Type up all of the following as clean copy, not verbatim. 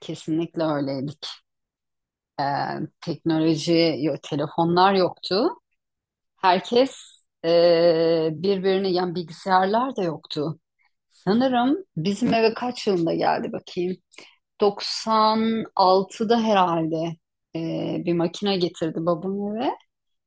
Kesinlikle öyleydik. Teknoloji, telefonlar yoktu. Herkes birbirini, yani bilgisayarlar da yoktu. Sanırım bizim eve kaç yılında geldi bakayım. 96'da herhalde bir makine getirdi babam eve.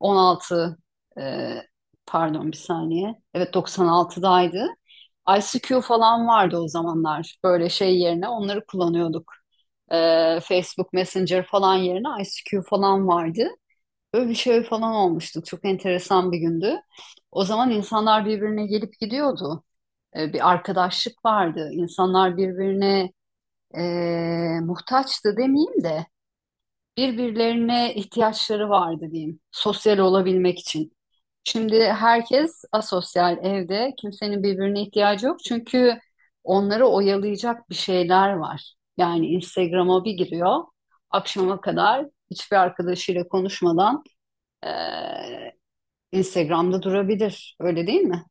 16, eee, pardon bir saniye. Evet 96'daydı. ICQ falan vardı o zamanlar. Böyle şey yerine onları kullanıyorduk. Facebook Messenger falan yerine ICQ falan vardı. Böyle bir şey falan olmuştu. Çok enteresan bir gündü. O zaman insanlar birbirine gelip gidiyordu. Bir arkadaşlık vardı. İnsanlar birbirine e, muhtaçtı demeyeyim de birbirlerine ihtiyaçları vardı diyeyim. Sosyal olabilmek için. Şimdi herkes asosyal evde. Kimsenin birbirine ihtiyacı yok. Çünkü onları oyalayacak bir şeyler var. Yani Instagram'a bir giriyor. Akşama kadar hiçbir arkadaşıyla konuşmadan eee, Instagram'da durabilir. Öyle değil mi?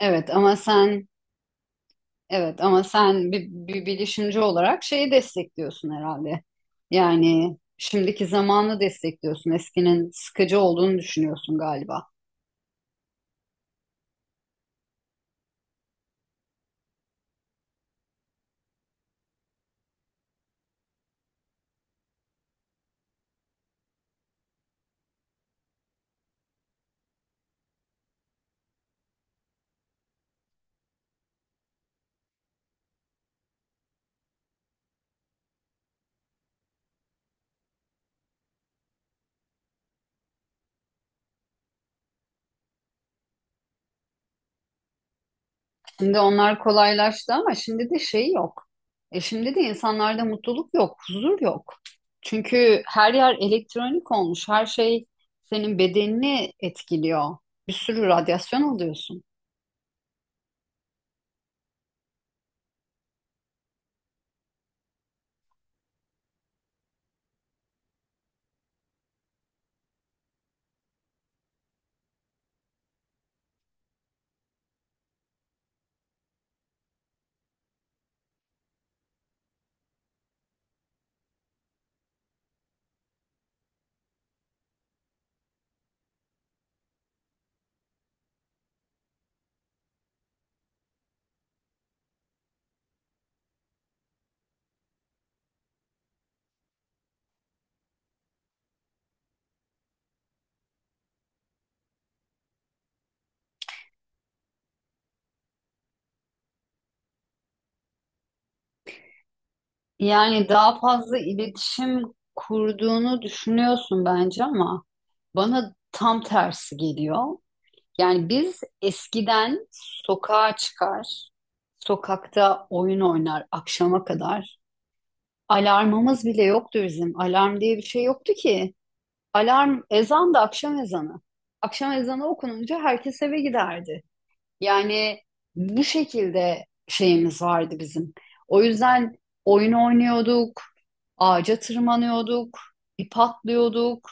Evet ama sen Evet ama sen bir bilişimci olarak şeyi destekliyorsun herhalde. Yani şimdiki zamanı destekliyorsun. Eskinin sıkıcı olduğunu düşünüyorsun galiba. Şimdi onlar kolaylaştı ama şimdi de şey yok. E şimdi de insanlarda mutluluk yok, huzur yok. Çünkü her yer elektronik olmuş. Her şey senin bedenini etkiliyor. Bir sürü radyasyon alıyorsun. Yani daha fazla iletişim kurduğunu düşünüyorsun bence ama bana tam tersi geliyor. Yani biz eskiden sokağa çıkar, sokakta oyun oynar akşama kadar. Alarmımız bile yoktu bizim. Alarm diye bir şey yoktu ki. Alarm ezan da akşam ezanı. Akşam ezanı okununca herkes eve giderdi. Yani bu şekilde şeyimiz vardı bizim. O yüzden oyun oynuyorduk, ağaca tırmanıyorduk, ip atlıyorduk,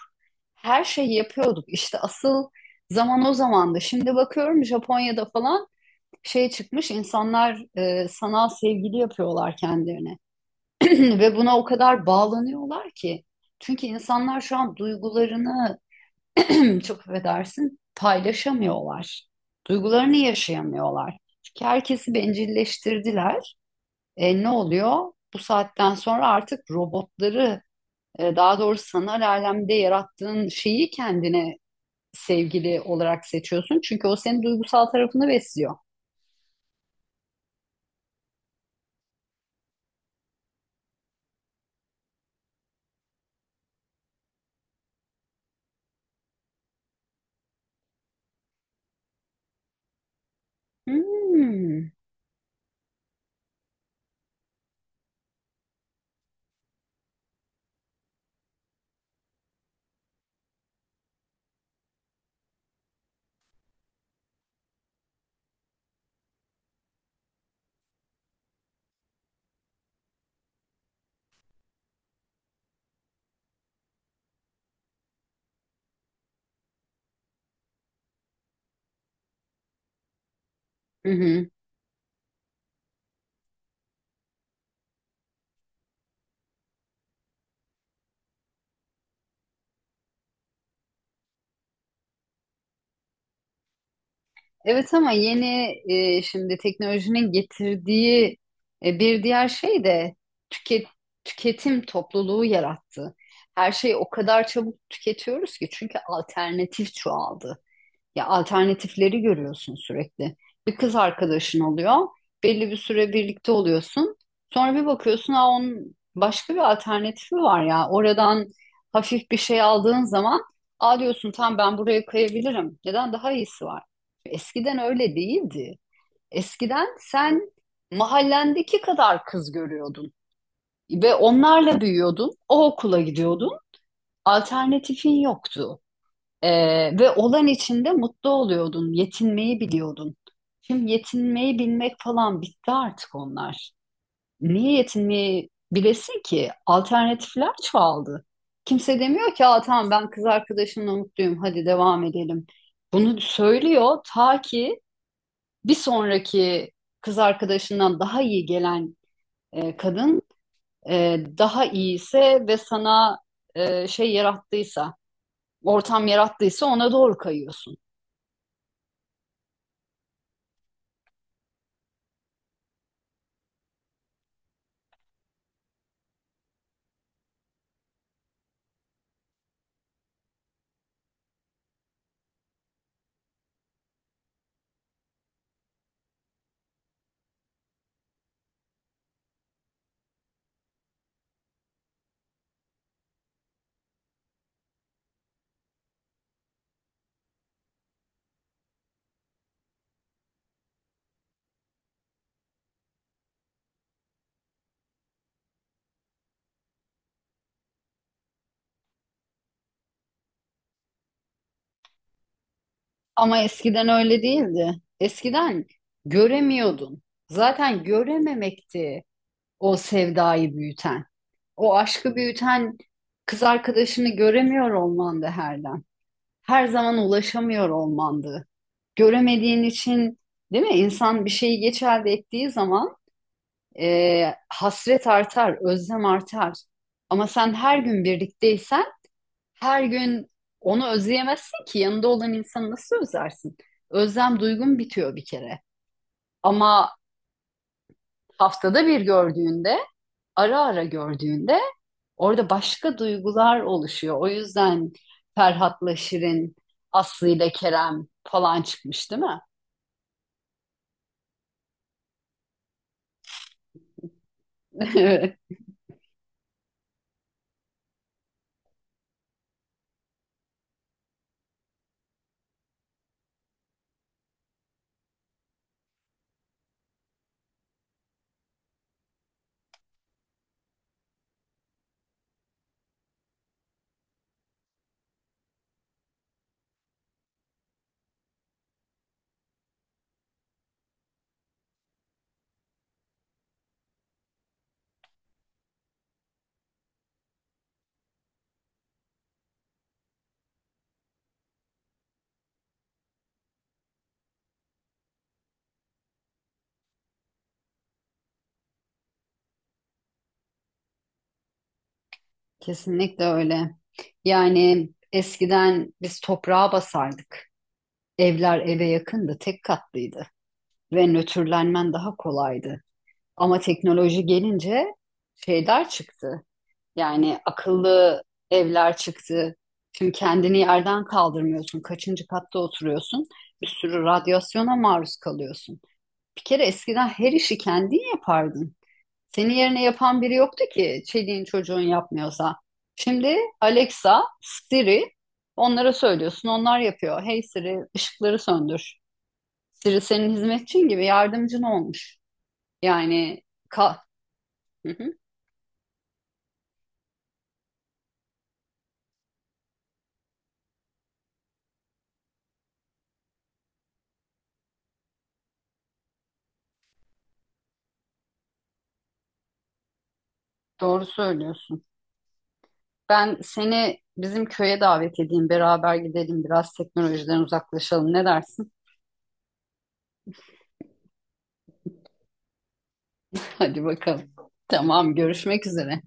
her şeyi yapıyorduk. İşte asıl zaman o zamandı. Şimdi bakıyorum Japonya'da falan şey çıkmış, insanlar sanal sevgili yapıyorlar kendilerine. Ve buna o kadar bağlanıyorlar ki. Çünkü insanlar şu an duygularını, çok affedersin, paylaşamıyorlar. Duygularını yaşayamıyorlar. Çünkü herkesi bencilleştirdiler. Ne oluyor? Bu saatten sonra artık robotları, daha doğrusu sanal alemde yarattığın şeyi kendine sevgili olarak seçiyorsun. Çünkü o senin duygusal tarafını besliyor. Hmm. Hı hı. Evet ama yeni şimdi teknolojinin getirdiği bir diğer şey de tüket, tüketim topluluğu yarattı. Her şeyi o kadar çabuk tüketiyoruz ki çünkü alternatif çoğaldı. Ya alternatifleri görüyorsun sürekli. Bir kız arkadaşın oluyor. Belli bir süre birlikte oluyorsun. Sonra bir bakıyorsun ha onun başka bir alternatifi var ya. Oradan hafif bir şey aldığın zaman aa diyorsun tamam ben buraya kayabilirim. Neden? Daha iyisi var. Eskiden öyle değildi. Eskiden sen mahallendeki kadar kız görüyordun ve onlarla büyüyordun. O okula gidiyordun. Alternatifin yoktu. Ve olan içinde mutlu oluyordun, yetinmeyi biliyordun. Şimdi yetinmeyi bilmek falan bitti artık onlar. Niye yetinmeyi bilesin ki? Alternatifler çoğaldı. Kimse demiyor ki, aa, tamam ben kız arkadaşımla mutluyum, hadi devam edelim. Bunu söylüyor ta ki bir sonraki kız arkadaşından daha iyi gelen kadın daha iyiyse ve sana şey yarattıysa, ortam yarattıysa ona doğru kayıyorsun. Ama eskiden öyle değildi. Eskiden göremiyordun. Zaten görememekti o sevdayı büyüten. O aşkı büyüten kız arkadaşını göremiyor olmandı herden. Her zaman ulaşamıyor olmandı. Göremediğin için değil mi? İnsan bir şeyi geç elde ettiği zaman hasret artar, özlem artar. Ama sen her gün birlikteysen her gün onu özleyemezsin ki yanında olan insanı nasıl özlersin? Özlem duygun bitiyor bir kere. Ama haftada bir gördüğünde, ara ara gördüğünde orada başka duygular oluşuyor. O yüzden Ferhat'la Şirin, Aslı ile Kerem falan çıkmış değil mi? Evet. Kesinlikle öyle. Yani eskiden biz toprağa basardık. Evler eve yakındı, tek katlıydı ve nötrlenmen daha kolaydı. Ama teknoloji gelince şeyler çıktı. Yani akıllı evler çıktı. Çünkü kendini yerden kaldırmıyorsun. Kaçıncı katta oturuyorsun? Bir sürü radyasyona maruz kalıyorsun. Bir kere eskiden her işi kendin yapardın. Senin yerine yapan biri yoktu ki çeliğin çocuğun yapmıyorsa. Şimdi Alexa, Siri onlara söylüyorsun. Onlar yapıyor. Hey Siri, ışıkları söndür. Siri senin hizmetçin gibi yardımcın olmuş. Yani ka hı hı. Doğru söylüyorsun. Ben seni bizim köye davet edeyim. Beraber gidelim biraz teknolojiden uzaklaşalım. Ne dersin? Hadi bakalım. Tamam, görüşmek üzere.